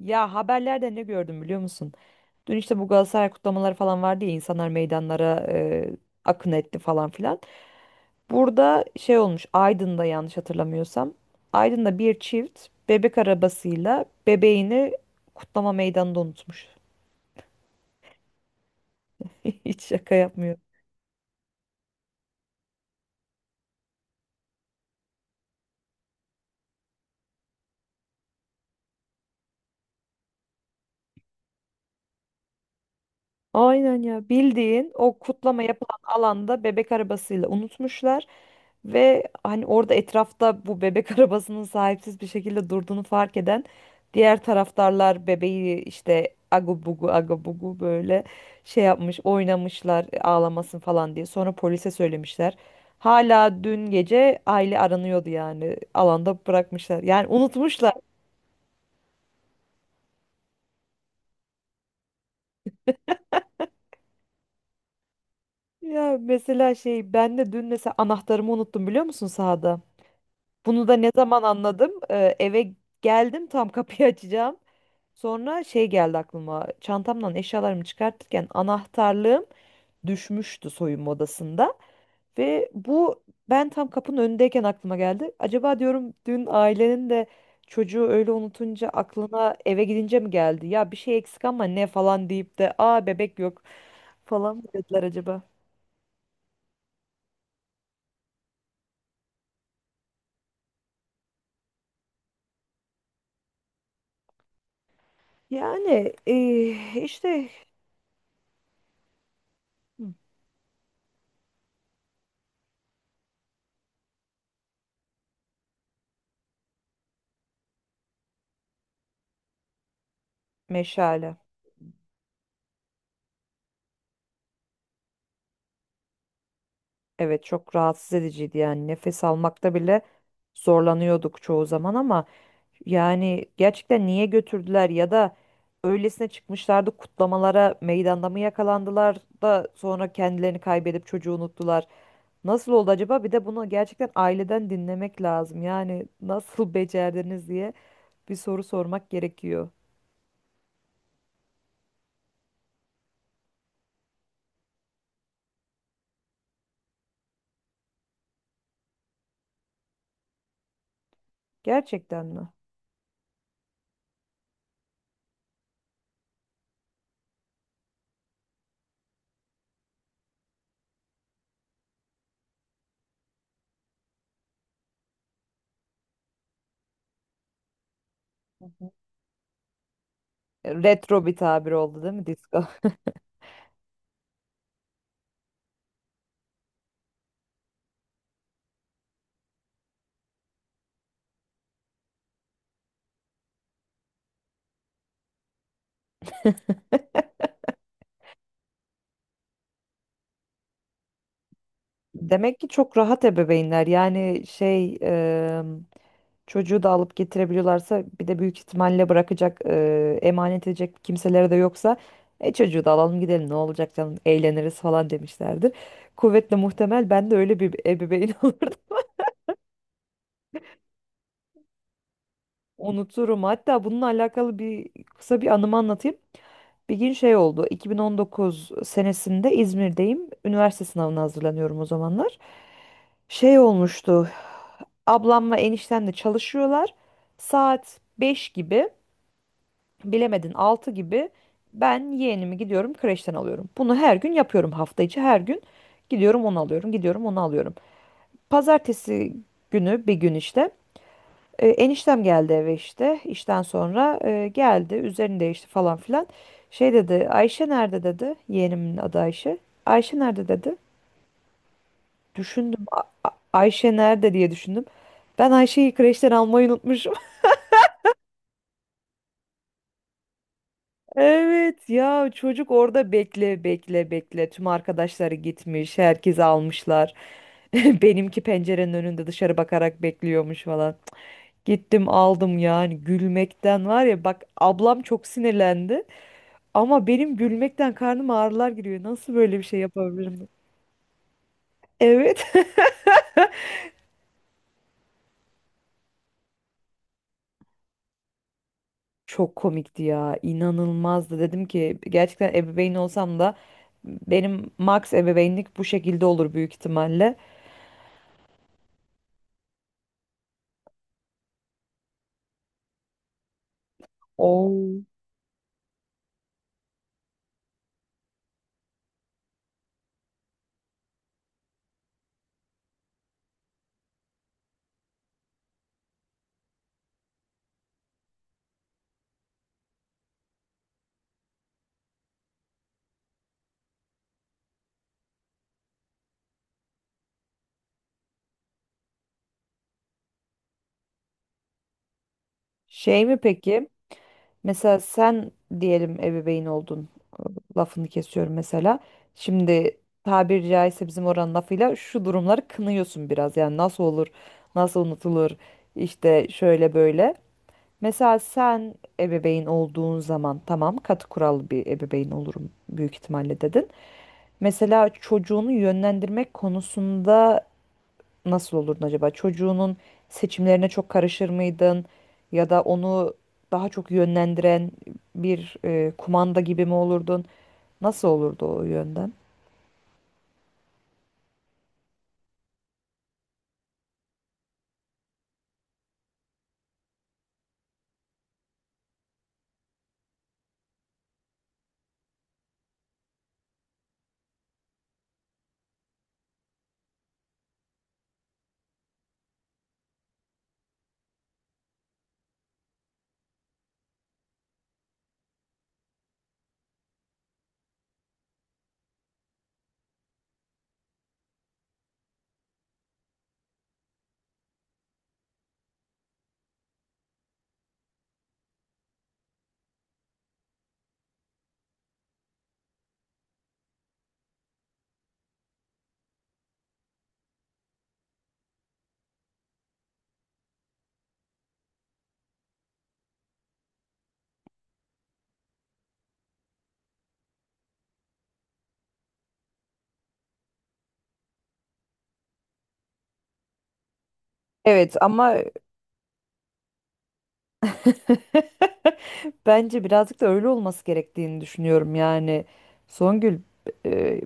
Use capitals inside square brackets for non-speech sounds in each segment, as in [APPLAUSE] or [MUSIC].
Ya haberlerde ne gördüm biliyor musun? Dün işte bu Galatasaray kutlamaları falan vardı ya insanlar meydanlara akın etti falan filan. Burada şey olmuş Aydın'da yanlış hatırlamıyorsam. Aydın'da bir çift bebek arabasıyla bebeğini kutlama meydanında unutmuş. [LAUGHS] Hiç şaka yapmıyorum. Aynen ya bildiğin o kutlama yapılan alanda bebek arabasıyla unutmuşlar ve hani orada etrafta bu bebek [LAUGHS] arabasının sahipsiz bir şekilde durduğunu fark eden diğer taraftarlar bebeği işte agu bugu agu bugu böyle şey yapmış oynamışlar ağlamasın falan diye sonra polise söylemişler. Hala dün gece aile aranıyordu yani alanda bırakmışlar yani unutmuşlar. Ya mesela şey ben de dün mesela anahtarımı unuttum biliyor musun sahada? Bunu da ne zaman anladım? Eve geldim tam kapıyı [LAUGHS] açacağım. Sonra şey geldi aklıma. Çantamdan eşyalarımı çıkartırken anahtarlığım düşmüştü soyunma odasında. Ve bu ben tam kapının önündeyken aklıma geldi. Acaba diyorum dün ailenin de çocuğu öyle unutunca aklına eve gidince mi geldi? Ya bir şey eksik ama ne falan deyip de aa bebek yok falan mı dediler acaba? Yani işte meşale. Evet çok rahatsız ediciydi yani nefes almakta bile zorlanıyorduk çoğu zaman ama yani gerçekten niye götürdüler ya da öylesine çıkmışlardı kutlamalara meydanda mı yakalandılar da sonra kendilerini kaybedip çocuğu unuttular. Nasıl oldu acaba? Bir de bunu gerçekten aileden dinlemek lazım. Yani nasıl [LAUGHS] becerdiniz diye bir soru sormak gerekiyor. Gerçekten mi? Retro bir tabir oldu değil mi disco? [LAUGHS] Demek ki çok rahat ebeveynler. Yani şey çocuğu da alıp getirebiliyorlarsa bir de büyük ihtimalle bırakacak, emanet edecek kimseleri de yoksa çocuğu da alalım gidelim ne olacak canım eğleniriz falan demişlerdir. Kuvvetle muhtemel ben de öyle bir ebeveyn [LAUGHS] olurdum. Unuturum. Hatta bununla alakalı bir kısa bir anımı anlatayım. Bir gün şey oldu. 2019 senesinde İzmir'deyim. Üniversite sınavına hazırlanıyorum o zamanlar. Şey olmuştu. Ablamla eniştem de çalışıyorlar. Saat 5 gibi. Bilemedin 6 gibi ben yeğenimi gidiyorum kreşten alıyorum. Bunu her gün yapıyorum hafta içi her gün gidiyorum onu alıyorum gidiyorum onu alıyorum. Pazartesi günü bir gün işte eniştem geldi eve işte işten sonra geldi üzerini değişti falan filan. Şey dedi Ayşe nerede dedi yeğenimin adı Ayşe. Ayşe nerede dedi. Düşündüm " Ayşe nerede" diye düşündüm. Ben Ayşe'yi kreşten almayı unutmuşum. Evet ya çocuk orada bekle bekle bekle tüm arkadaşları gitmiş herkesi almışlar. [LAUGHS] Benimki pencerenin önünde dışarı bakarak bekliyormuş falan. Cık, gittim aldım yani gülmekten var ya bak ablam çok sinirlendi ama benim gülmekten karnım ağrılar giriyor. Nasıl böyle bir şey yapabilirim? Evet. [LAUGHS] Çok komikti ya inanılmazdı dedim ki gerçekten ebeveyn olsam da benim max ebeveynlik bu şekilde olur büyük ihtimalle. Oo. Şey mi peki? Mesela sen diyelim ebeveyn oldun. Lafını kesiyorum mesela. Şimdi tabiri caizse bizim oranın lafıyla şu durumları kınıyorsun biraz. Yani nasıl olur, nasıl unutulur, işte şöyle böyle. Mesela sen ebeveyn olduğun zaman tamam katı kurallı bir ebeveyn olurum büyük ihtimalle dedin. Mesela çocuğunu yönlendirmek konusunda nasıl olurdun acaba? Çocuğunun seçimlerine çok karışır mıydın? Ya da onu daha çok yönlendiren bir kumanda gibi mi olurdun? Nasıl olurdu o yönden? Evet ama [LAUGHS] bence birazcık da öyle olması gerektiğini düşünüyorum yani. Songül, e,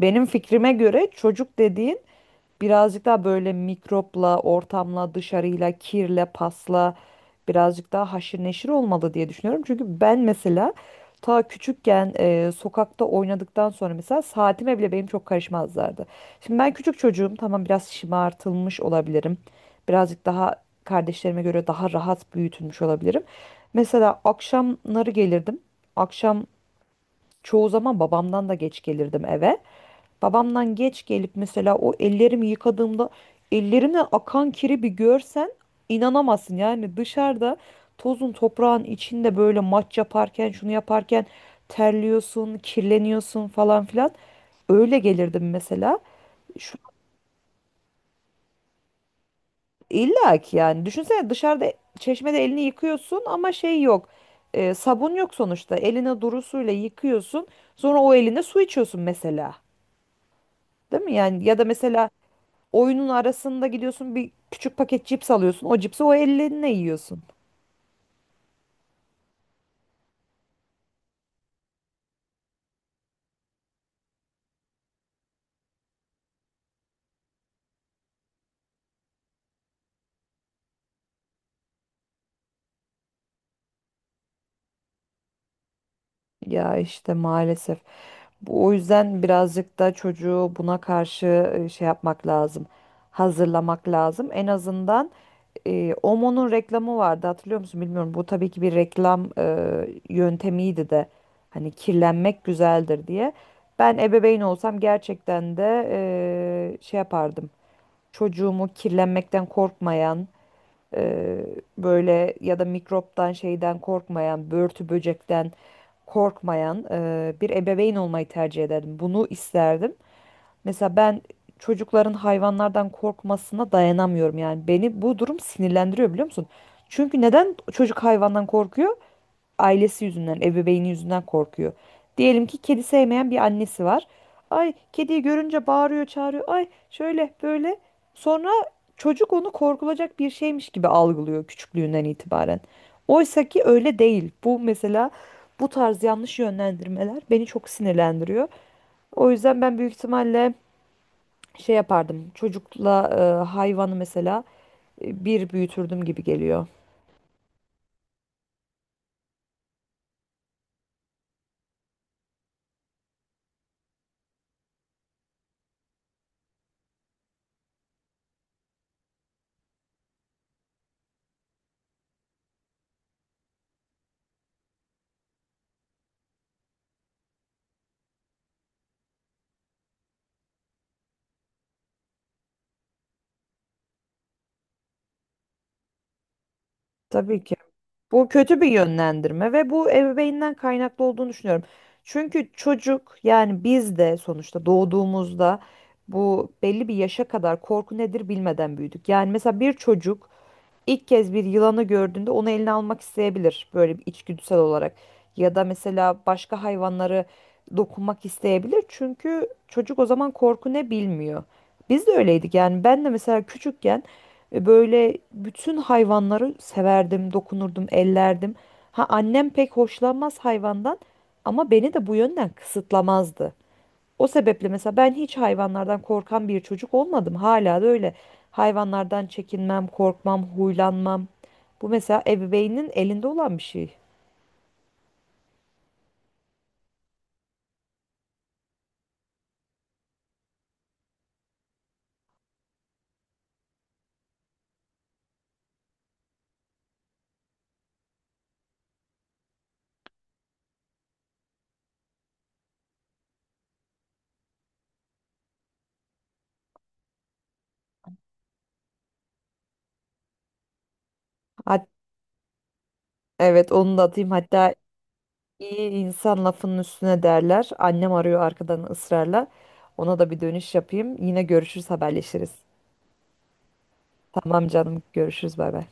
benim fikrime göre çocuk dediğin birazcık daha böyle mikropla, ortamla, dışarıyla, kirle, pasla birazcık daha haşır neşir olmalı diye düşünüyorum. Çünkü ben mesela ta küçükken sokakta oynadıktan sonra mesela saatime bile benim çok karışmazlardı. Şimdi ben küçük çocuğum tamam biraz şımartılmış olabilirim. Birazcık daha kardeşlerime göre daha rahat büyütülmüş olabilirim. Mesela akşamları gelirdim. Akşam çoğu zaman babamdan da geç gelirdim eve. Babamdan geç gelip mesela o ellerimi yıkadığımda ellerimden akan kiri bir görsen inanamazsın. Yani dışarıda tozun toprağın içinde böyle maç yaparken şunu yaparken terliyorsun, kirleniyorsun falan filan. Öyle gelirdim mesela. Şu, illa ki yani düşünsene dışarıda çeşmede elini yıkıyorsun ama şey yok. E, sabun yok sonuçta. Eline duru suyla yıkıyorsun. Sonra o eline su içiyorsun mesela. Değil mi? Yani ya da mesela oyunun arasında gidiyorsun bir küçük paket cips alıyorsun. O cipsi o elinle yiyorsun. Ya işte maalesef. Bu, o yüzden birazcık da çocuğu buna karşı şey yapmak lazım. Hazırlamak lazım. En azından OMO'nun reklamı vardı hatırlıyor musun bilmiyorum. Bu tabii ki bir reklam yöntemiydi de. Hani kirlenmek güzeldir diye. Ben ebeveyn olsam gerçekten de şey yapardım. Çocuğumu kirlenmekten korkmayan böyle ya da mikroptan şeyden korkmayan, börtü böcekten korkmayan bir ebeveyn olmayı tercih ederdim. Bunu isterdim. Mesela ben çocukların hayvanlardan korkmasına dayanamıyorum yani. Beni bu durum sinirlendiriyor biliyor musun? Çünkü neden çocuk hayvandan korkuyor? Ailesi yüzünden, ebeveyni yüzünden korkuyor. Diyelim ki kedi sevmeyen bir annesi var. Ay kediyi görünce bağırıyor, çağırıyor. Ay şöyle böyle. Sonra çocuk onu korkulacak bir şeymiş gibi algılıyor küçüklüğünden itibaren. Oysa ki öyle değil. Bu mesela bu tarz yanlış yönlendirmeler beni çok sinirlendiriyor. O yüzden ben büyük ihtimalle şey yapardım. Çocukla hayvanı mesela bir büyütürdüm gibi geliyor. Tabii ki. Bu kötü bir yönlendirme ve bu ebeveynden kaynaklı olduğunu düşünüyorum. Çünkü çocuk yani biz de sonuçta doğduğumuzda bu belli bir yaşa kadar korku nedir bilmeden büyüdük. Yani mesela bir çocuk İlk kez bir yılanı gördüğünde onu eline almak isteyebilir böyle bir içgüdüsel olarak. Ya da mesela başka hayvanları dokunmak isteyebilir. Çünkü çocuk o zaman korku ne bilmiyor. Biz de öyleydik yani ben de mesela küçükken böyle bütün hayvanları severdim, dokunurdum, ellerdim. Ha annem pek hoşlanmaz hayvandan ama beni de bu yönden kısıtlamazdı. O sebeple mesela ben hiç hayvanlardan korkan bir çocuk olmadım. Hala da öyle. Hayvanlardan çekinmem, korkmam, huylanmam. Bu mesela ebeveynin elinde olan bir şey. Hat evet onu da atayım. Hatta iyi insan lafının üstüne derler. Annem arıyor arkadan ısrarla. Ona da bir dönüş yapayım. Yine görüşürüz, haberleşiriz. Tamam canım, görüşürüz, bay bay.